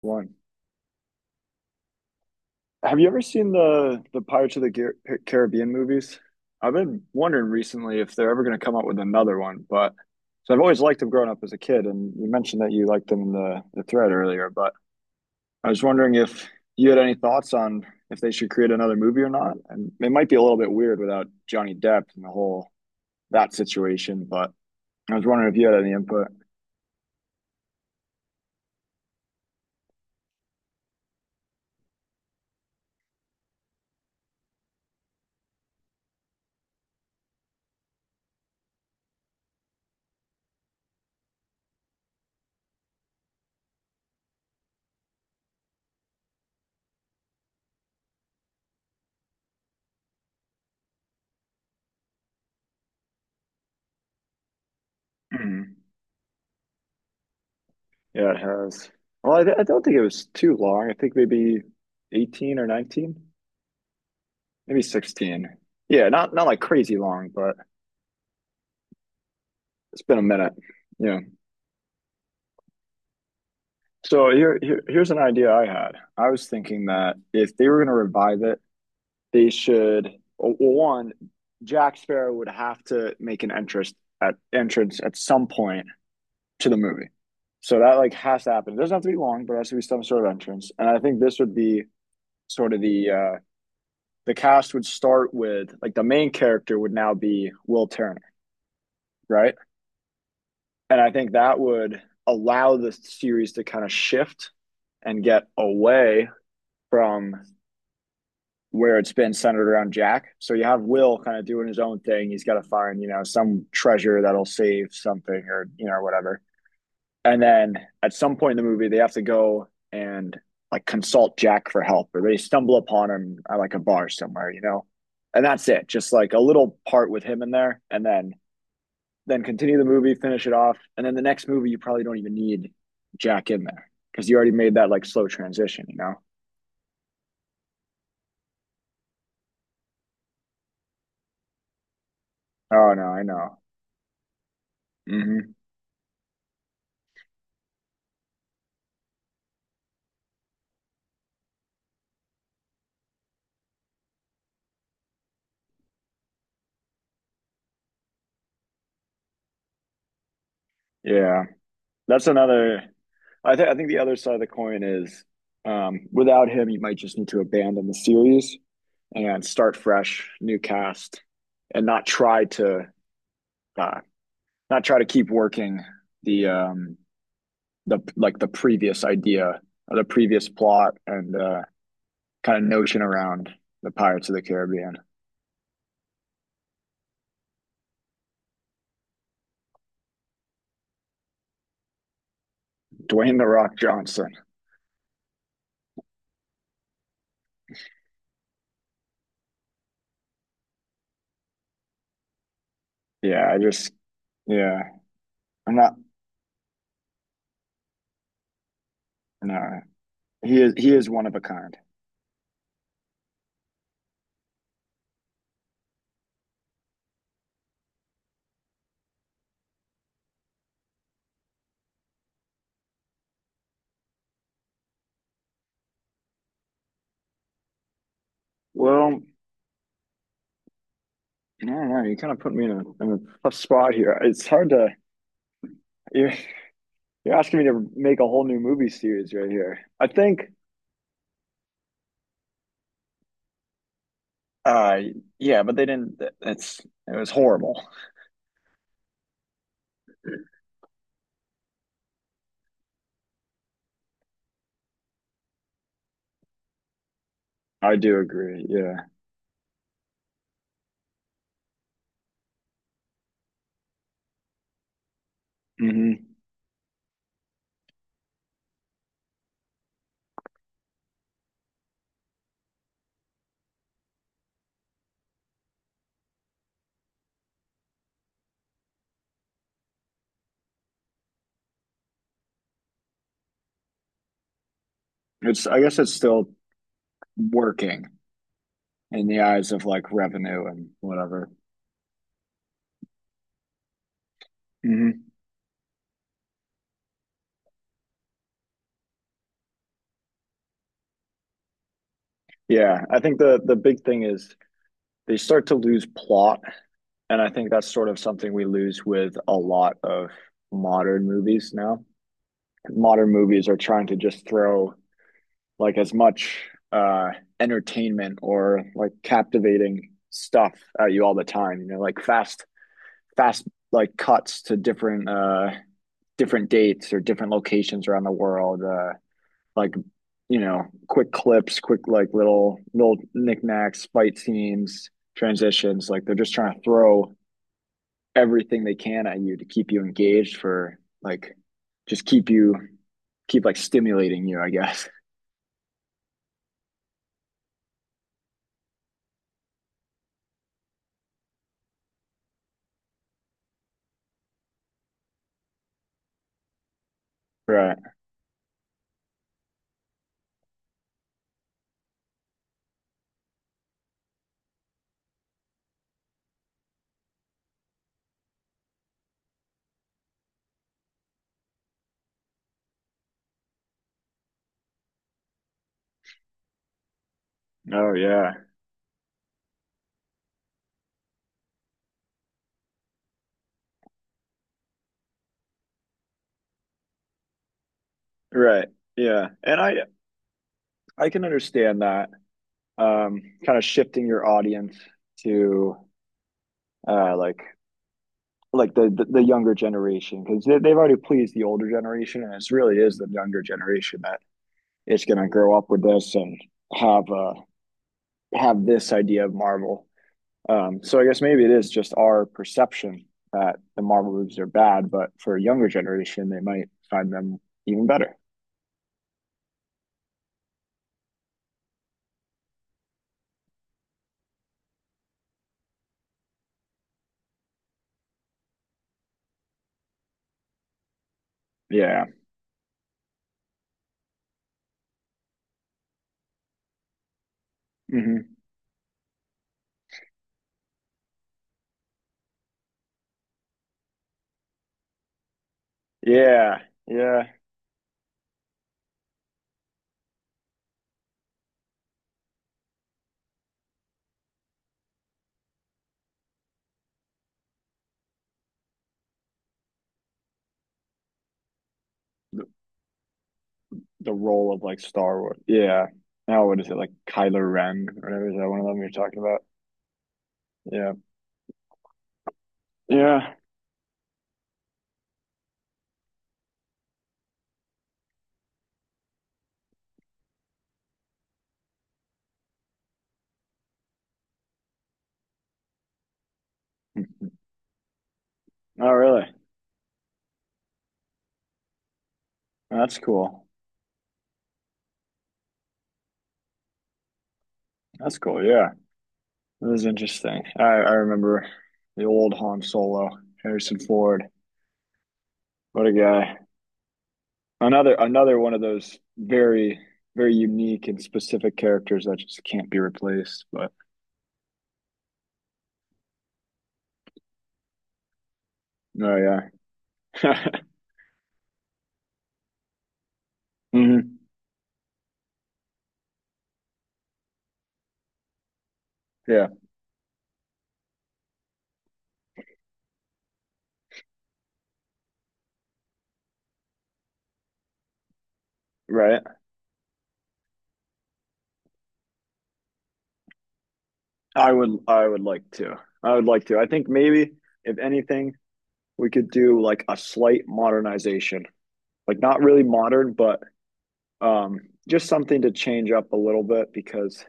One. Have you ever seen the Pirates of the Caribbean movies? I've been wondering recently if they're ever going to come up with another one, but so I've always liked them growing up as a kid, and you mentioned that you liked them in the thread earlier, but I was wondering if you had any thoughts on if they should create another movie or not. And it might be a little bit weird without Johnny Depp and the whole that situation, but I was wondering if you had any input. Mhm. Yeah, it has. Well, I don't think it was too long. I think maybe 18 or 19, maybe 16. Yeah, not like crazy long, but it's been a minute. Yeah. So here's an idea I had. I was thinking that if they were going to revive it, they should well, one, Jack Sparrow would have to make an entrance at some point to the movie. So that like has to happen. It doesn't have to be long, but it has to be some sort of entrance. And I think this would be sort of the cast would start with like the main character would now be Will Turner, right? And I think that would allow the series to kind of shift and get away from where it's been centered around Jack. So you have Will kind of doing his own thing. He's got to find, some treasure that'll save something or, whatever. And then at some point in the movie, they have to go and like consult Jack for help or they stumble upon him at like a bar somewhere, you know? And that's it. Just like a little part with him in there. And then continue the movie, finish it off, and then the next movie you probably don't even need Jack in there because you already made that like slow transition, you know? Oh no, I know. Hmm. Yeah, that's another. I think the other side of the coin is, without him, you might just need to abandon the series and start fresh, new cast, and uh, not try to keep working the um, the previous idea, or the previous plot, and kind of notion around the Pirates of the Caribbean. Dwayne the Rock Johnson. Yeah, I just, yeah. I'm not, no. He is one of a kind. Well, I don't know. You kind of put me in a tough spot here. It's hard to you're, you're asking me to make a whole new movie series right here. I think. uh yeah, but they didn't. It was horrible. I do agree. Yeah. Hmm. It's I guess it's still working in the eyes of like revenue and whatever. Hmm. Yeah, I think the big thing is they start to lose plot, and I think that's sort of something we lose with a lot of modern movies now. Modern movies are trying to just throw like as much uh entertainment or like captivating stuff at you all the time, like fast like cuts to different different dates or different locations around the world, like quick clips, quick like little knickknacks, fight scenes, transitions. Like they're just trying to throw everything they can at you to keep you engaged for like just keep you keep like stimulating you, I guess. Right. Oh yeah. Right. Yeah. And I can understand that. Kind of shifting your audience to uh like like the younger generation because they've already pleased the older generation and it's really is the younger generation that is going to grow up with this and have uh, have this idea of Marvel. So I guess maybe it is just our perception that the Marvel movies are bad, but for a younger generation, they might find them even better. Yeah. Hmm. Yeah, yeah. The, the role of like Star Wars. Yeah. Now what is it like, Kylo Ren? Or whatever, is that one of them you're talking about? Yeah, yeah. Oh, really? That's cool. That's cool. Yeah. That was interesting. I remember the old Han Solo, Harrison Ford. What a guy. Another one of those very, very unique and specific characters that just can't be replaced. But oh yeah. Hmm. Yeah, right. I would like to. I would like to. I think maybe if anything, we could do like a slight modernization. Like not really modern, but um just something to change up a little bit because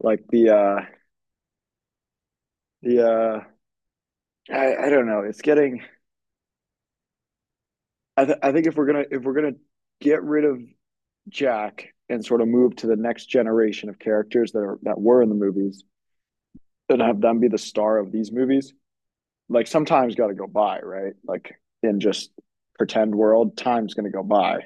like the uh I don't know. It's getting. I think if we're gonna get rid of Jack and sort of move to the next generation of characters that were in the movies and have them be the star of these movies, like sometimes got to go by, right? Like in just pretend world, time's gonna go by.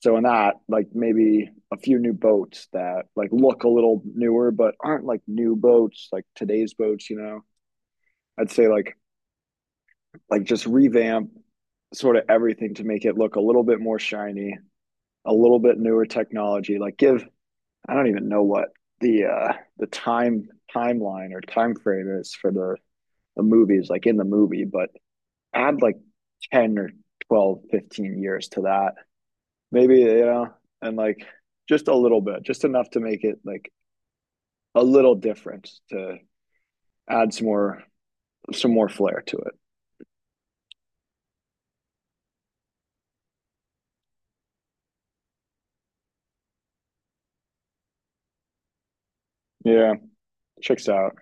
So in that, like maybe a few new boats that like look a little newer but aren't like new boats, like today's boats. You know, I'd say like just revamp sort of everything to make it look a little bit more shiny, a little bit newer technology, like give, I don't even know what the uh the timeline or time frame is for the movies like in the movie, but add like 10 or 12, 15 years to that maybe, you know, and like just a little bit, just enough to make it like a little different, to add some more flair to it. Yeah, checks out.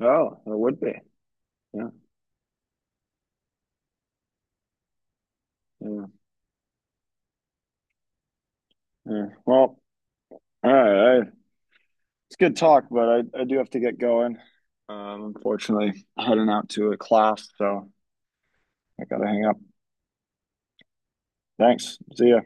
Oh, it would be. Yeah. Yeah, yeah. Well, all right, I it's good talk, but I do have to get going. Unfortunately, heading out to a class, so I gotta hang up. Thanks. See ya.